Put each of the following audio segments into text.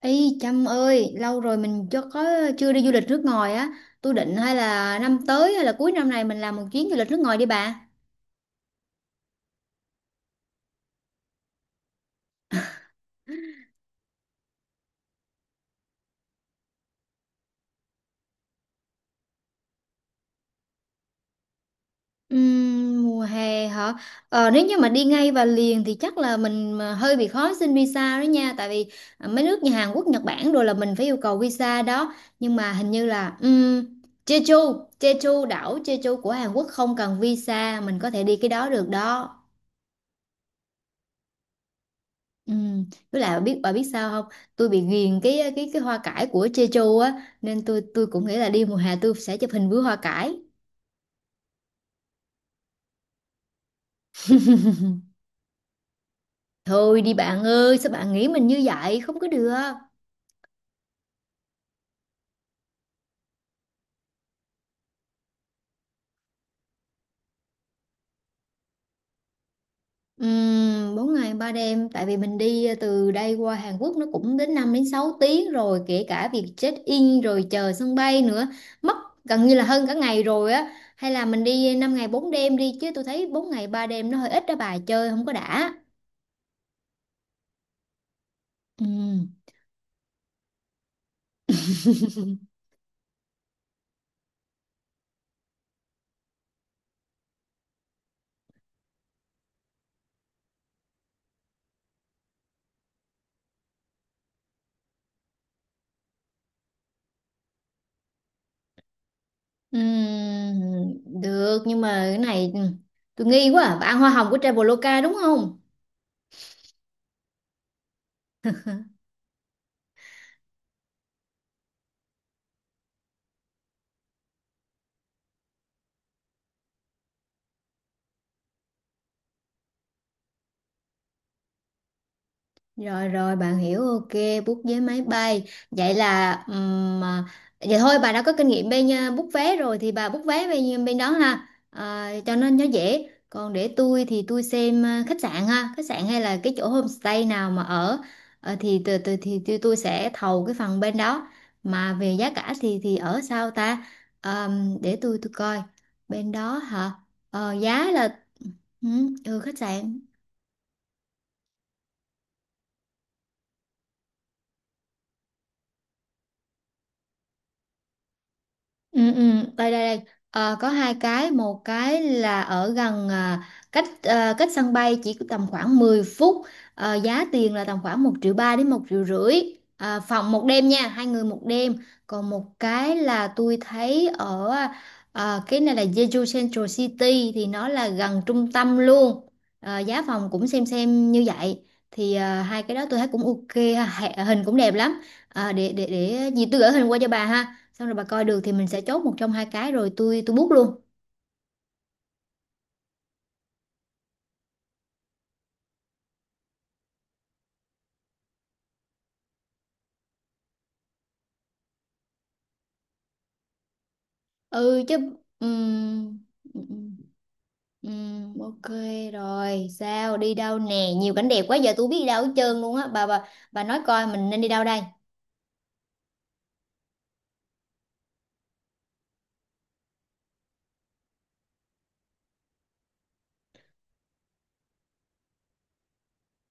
Ý Trâm ơi, lâu rồi mình chưa đi du lịch nước ngoài á. Tôi định hay là năm tới hay là cuối năm này mình làm một chuyến du lịch nước ngoài đi bà. Mùa hè hả? Ờ, nếu như mà đi ngay và liền thì chắc là mình mà hơi bị khó xin visa đó nha, tại vì mấy nước như Hàn Quốc, Nhật Bản rồi là mình phải yêu cầu visa đó. Nhưng mà hình như là Jeju, Jeju đảo Jeju của Hàn Quốc không cần visa, mình có thể đi cái đó được đó. Ừ, với lại bà biết sao không, tôi bị ghiền cái hoa cải của Jeju á, nên tôi cũng nghĩ là đi mùa hè tôi sẽ chụp hình với hoa cải. Thôi đi bạn ơi, sao bạn nghĩ mình như vậy, không có được. 4 ngày ba đêm, tại vì mình đi từ đây qua Hàn Quốc nó cũng đến 5 đến 6 tiếng rồi, kể cả việc check in rồi chờ sân bay nữa mất gần như là hơn cả ngày rồi á. Hay là mình đi 5 ngày 4 đêm đi, chứ tôi thấy 4 ngày 3 đêm nó hơi ít đó, bà chơi không có đã. Ừ. Được, nhưng mà cái này, ừ, tôi nghi quá à. Bạn ăn hoa hồng của Traveloka đúng không? Rồi rồi, bạn hiểu, ok. Book vé máy bay vậy là vậy thôi bà đã có kinh nghiệm bên book vé rồi thì bà book vé bên bên đó ha. À, cho nên nó dễ, còn để tôi thì tôi xem khách sạn ha, khách sạn hay là cái chỗ homestay nào mà ở. Ờ, thì từ từ thì tôi sẽ thầu cái phần bên đó, mà về giá cả thì ở sao ta. Để tôi coi bên đó hả. Ờ, giá là, ừ, ừ, khách sạn. Ừ, ừ, đây đây đây Ờ, có 2 cái. Một cái là ở gần, cách, cách sân bay chỉ có tầm khoảng 10 phút. Ờ, giá tiền là tầm khoảng 1,3 triệu đến 1,5 triệu phòng 1 đêm nha, 2 người 1 đêm. Còn một cái là tôi thấy ở, cái này là Jeju Central City, thì nó là gần trung tâm luôn. Ờ, giá phòng cũng xem như vậy. Thì hai cái đó tôi thấy cũng ok ha, hình cũng đẹp lắm. À, để gì tôi gửi hình qua cho bà ha, xong rồi bà coi được thì mình sẽ chốt một trong hai cái, rồi tôi book luôn. Ừ chứ. Ừm, ừm, ok. Rồi sao, đi đâu nè, nhiều cảnh đẹp quá, giờ tôi biết đi đâu hết trơn luôn á. Bà nói coi mình nên đi đâu đây.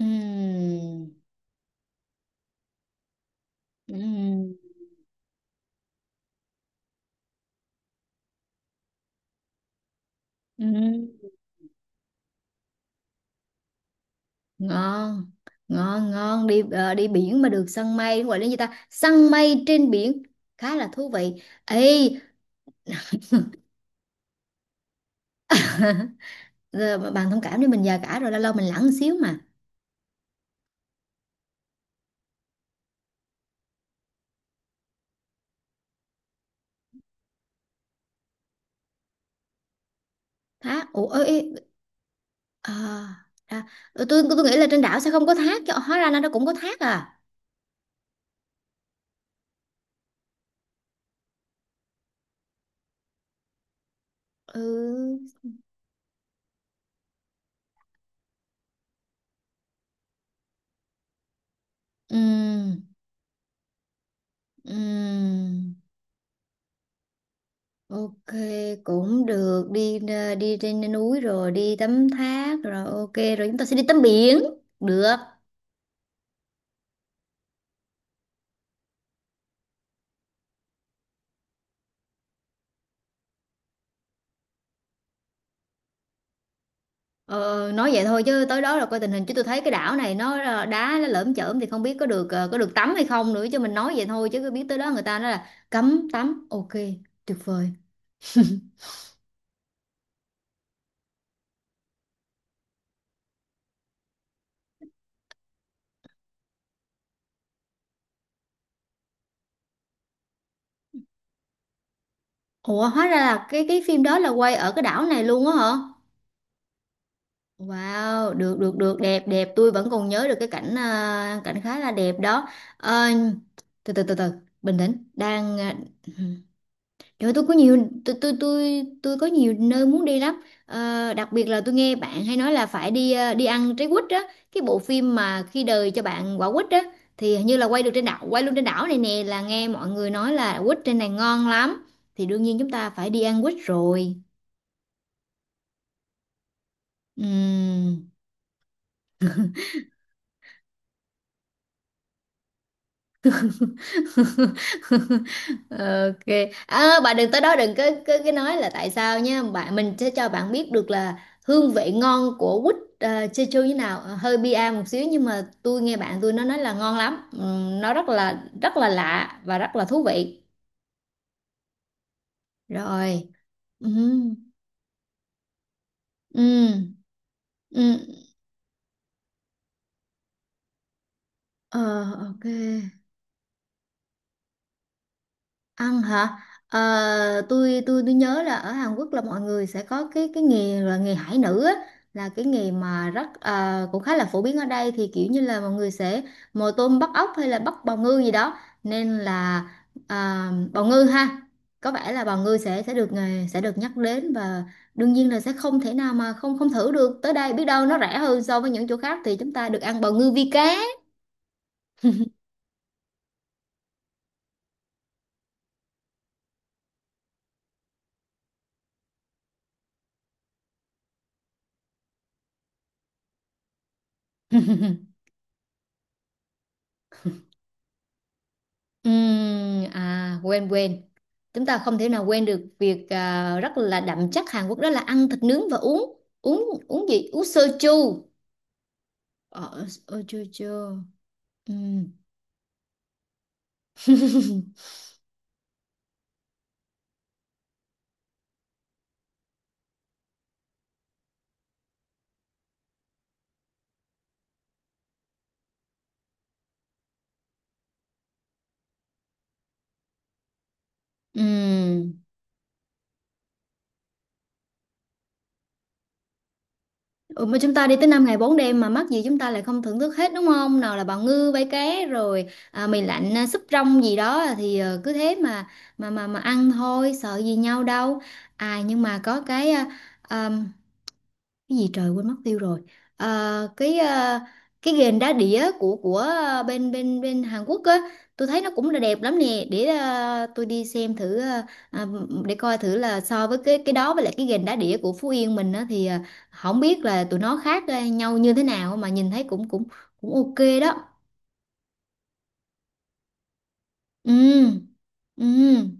Ừm, ừm, ừm. Ngon. Ngon đi. Ờ, đi biển mà được săn mây gọi là gì ta, săn mây trên biển khá là thú vị ê. giờ bạn thông cảm đi, mình già cả rồi, lâu lâu mình lẳng xíu mà. Hả, ủa, ê, à, à, ừ, tôi nghĩ là trên đảo sẽ không có thác, chứ hóa ra là nó cũng có thác à. Ừ. Ừm, ừm, ok. Cũng được, đi ờ, đi trên núi rồi đi tắm thác rồi ok rồi chúng ta sẽ đi tắm biển được. Ờ, nói vậy thôi, chứ tới đó là coi tình hình, chứ tôi thấy cái đảo này nó là đá, nó lởm chởm thì không biết có được, ờ, có được tắm hay không nữa. Chứ mình nói vậy thôi, chứ cứ biết tới đó người ta nói là cấm tắm, ok, tuyệt vời. Ủa, hóa ra là cái phim đó là quay ở cái đảo này luôn á hả? Wow, được được được đẹp đẹp, tôi vẫn còn nhớ được cái cảnh, cảnh khá là đẹp đó. Ờ, từ từ từ từ, bình tĩnh, đang trời ơi, tôi có nhiều, tôi có nhiều nơi muốn đi lắm. Ờ, đặc biệt là tôi nghe bạn hay nói là phải đi, đi ăn trái quýt á, cái bộ phim mà khi đời cho bạn quả quýt á thì hình như là quay được trên đảo, quay luôn trên đảo này nè, là nghe mọi người nói là quýt trên này ngon lắm. Thì đương nhiên chúng ta phải đi ăn quýt rồi. Ừm. ok. À, bạn đừng tới đó đừng có cái nói là tại sao nhé, bạn mình sẽ cho bạn biết được là hương vị ngon của quýt, Jeju như nào. Ờ, hơi bia một xíu, nhưng mà tôi nghe bạn tôi nó nói là ngon lắm. Nó rất là lạ và rất là thú vị. Rồi. Ừm, ừm, ừm. Ờ, ok. Ăn hả? Ờ, tôi nhớ là ở Hàn Quốc là mọi người sẽ có cái nghề là nghề hải nữ á, là cái nghề mà rất ờ, cũng khá là phổ biến ở đây, thì kiểu như là mọi người sẽ mồi tôm bắt ốc hay là bắt bào ngư gì đó, nên là, à, bào ngư ha, có vẻ là bào ngư sẽ được, nghề sẽ được nhắc đến. Và đương nhiên là sẽ không thể nào mà không không thử được, tới đây biết đâu nó rẻ hơn so với những chỗ khác thì chúng ta được ăn bào ngư vi cá. À, quên quên, chúng ta không thể nào quên được việc rất là đậm chất Hàn Quốc, đó là ăn thịt nướng và uống uống uống gì, uống soju. Ờ, ờ, chưa chưa. Ừm. Ừm. Ừ, mà chúng ta đi tới 5 ngày 4 đêm mà mắc gì chúng ta lại không thưởng thức hết, đúng không? Nào là bào ngư, bay cá, rồi mì lạnh, súp rong gì đó, thì ờ, cứ thế mà mà ăn thôi, sợ gì nhau đâu. À, nhưng mà có cái, à, cái gì, trời, quên mất tiêu rồi, à, cái, cái ghềnh đá đĩa của bên bên bên Hàn Quốc á, tôi thấy nó cũng là đẹp lắm nè, để tôi đi xem thử, để coi thử là so với cái đó với lại cái ghềnh đá đĩa của Phú Yên mình á, thì không biết là tụi nó khác, nhau như thế nào, mà nhìn thấy cũng cũng cũng ok đó. Ừ. Ừ.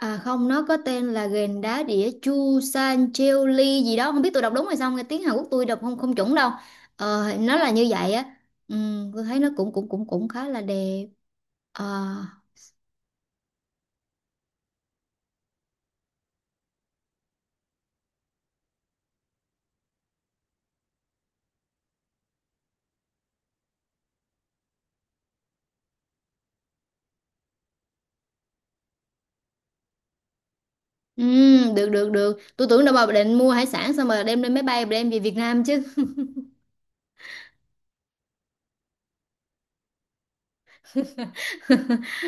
À không, nó có tên là ghền đá đĩa Chu San Cheo Li gì đó, không biết tôi đọc đúng hay không, nghe tiếng Hàn Quốc tôi đọc không không chuẩn đâu. Ờ, nó là như vậy á. Ừ, tôi thấy nó cũng cũng cũng cũng khá là đẹp. Ờ, ừ, được được được. Tôi tưởng đâu mà định mua hải sản xong mà đem lên máy bay đem về Việt Nam chứ.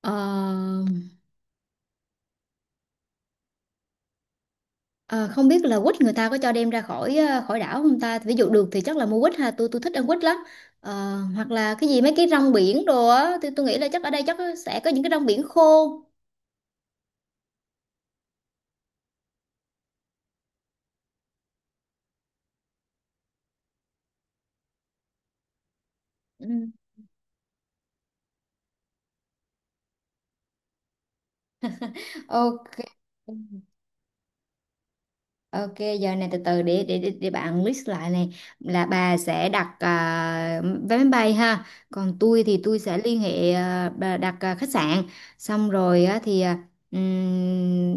Ờ. Ờ, không biết là quýt người ta có cho đem ra khỏi, ờ, khỏi đảo không ta, ví dụ được thì chắc là mua quýt ha, tôi thích ăn quýt lắm. Ờ, hoặc là cái gì, mấy cái rong biển đồ á, tôi nghĩ là chắc ở đây chắc sẽ có những cái rong biển khô. Ừ. Ok. Ok, giờ này từ từ, để bạn list lại này, là bà sẽ đặt vé máy bay ha, còn tôi thì tôi sẽ liên hệ, bà đặt khách sạn, xong rồi á, thì ừm,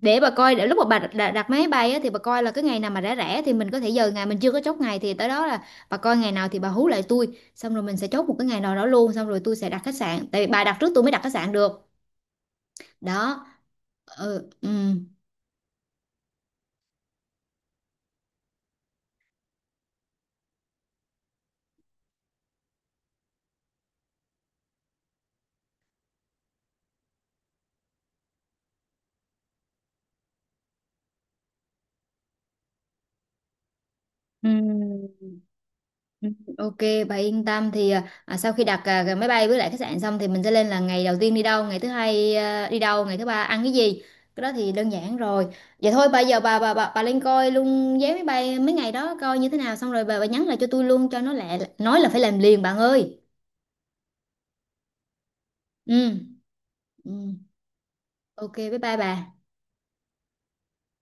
để bà coi, để lúc mà bà đặt, đặt máy bay á, thì bà coi là cái ngày nào mà rẻ rẻ thì mình có thể, giờ ngày mình chưa có chốt ngày thì tới đó là bà coi ngày nào thì bà hú lại tôi, xong rồi mình sẽ chốt một cái ngày nào đó luôn, xong rồi tôi sẽ đặt khách sạn, tại vì bà đặt trước tôi mới đặt khách sạn được, đó, ừ. Ừ. Ừ. Ok, bà yên tâm, thì sau khi đặt, cái máy bay với lại khách sạn xong, thì mình sẽ lên là ngày đầu tiên đi đâu, ngày thứ hai đi đâu, ngày thứ ba ăn cái gì. Cái đó thì đơn giản rồi. Vậy thôi bây giờ bà lên coi luôn vé máy bay mấy ngày đó coi như thế nào, xong rồi bà nhắn lại cho tôi luôn cho nó lẹ, nói là phải làm liền bạn ơi. Ừ. Ừ. Ok, bye bye bà.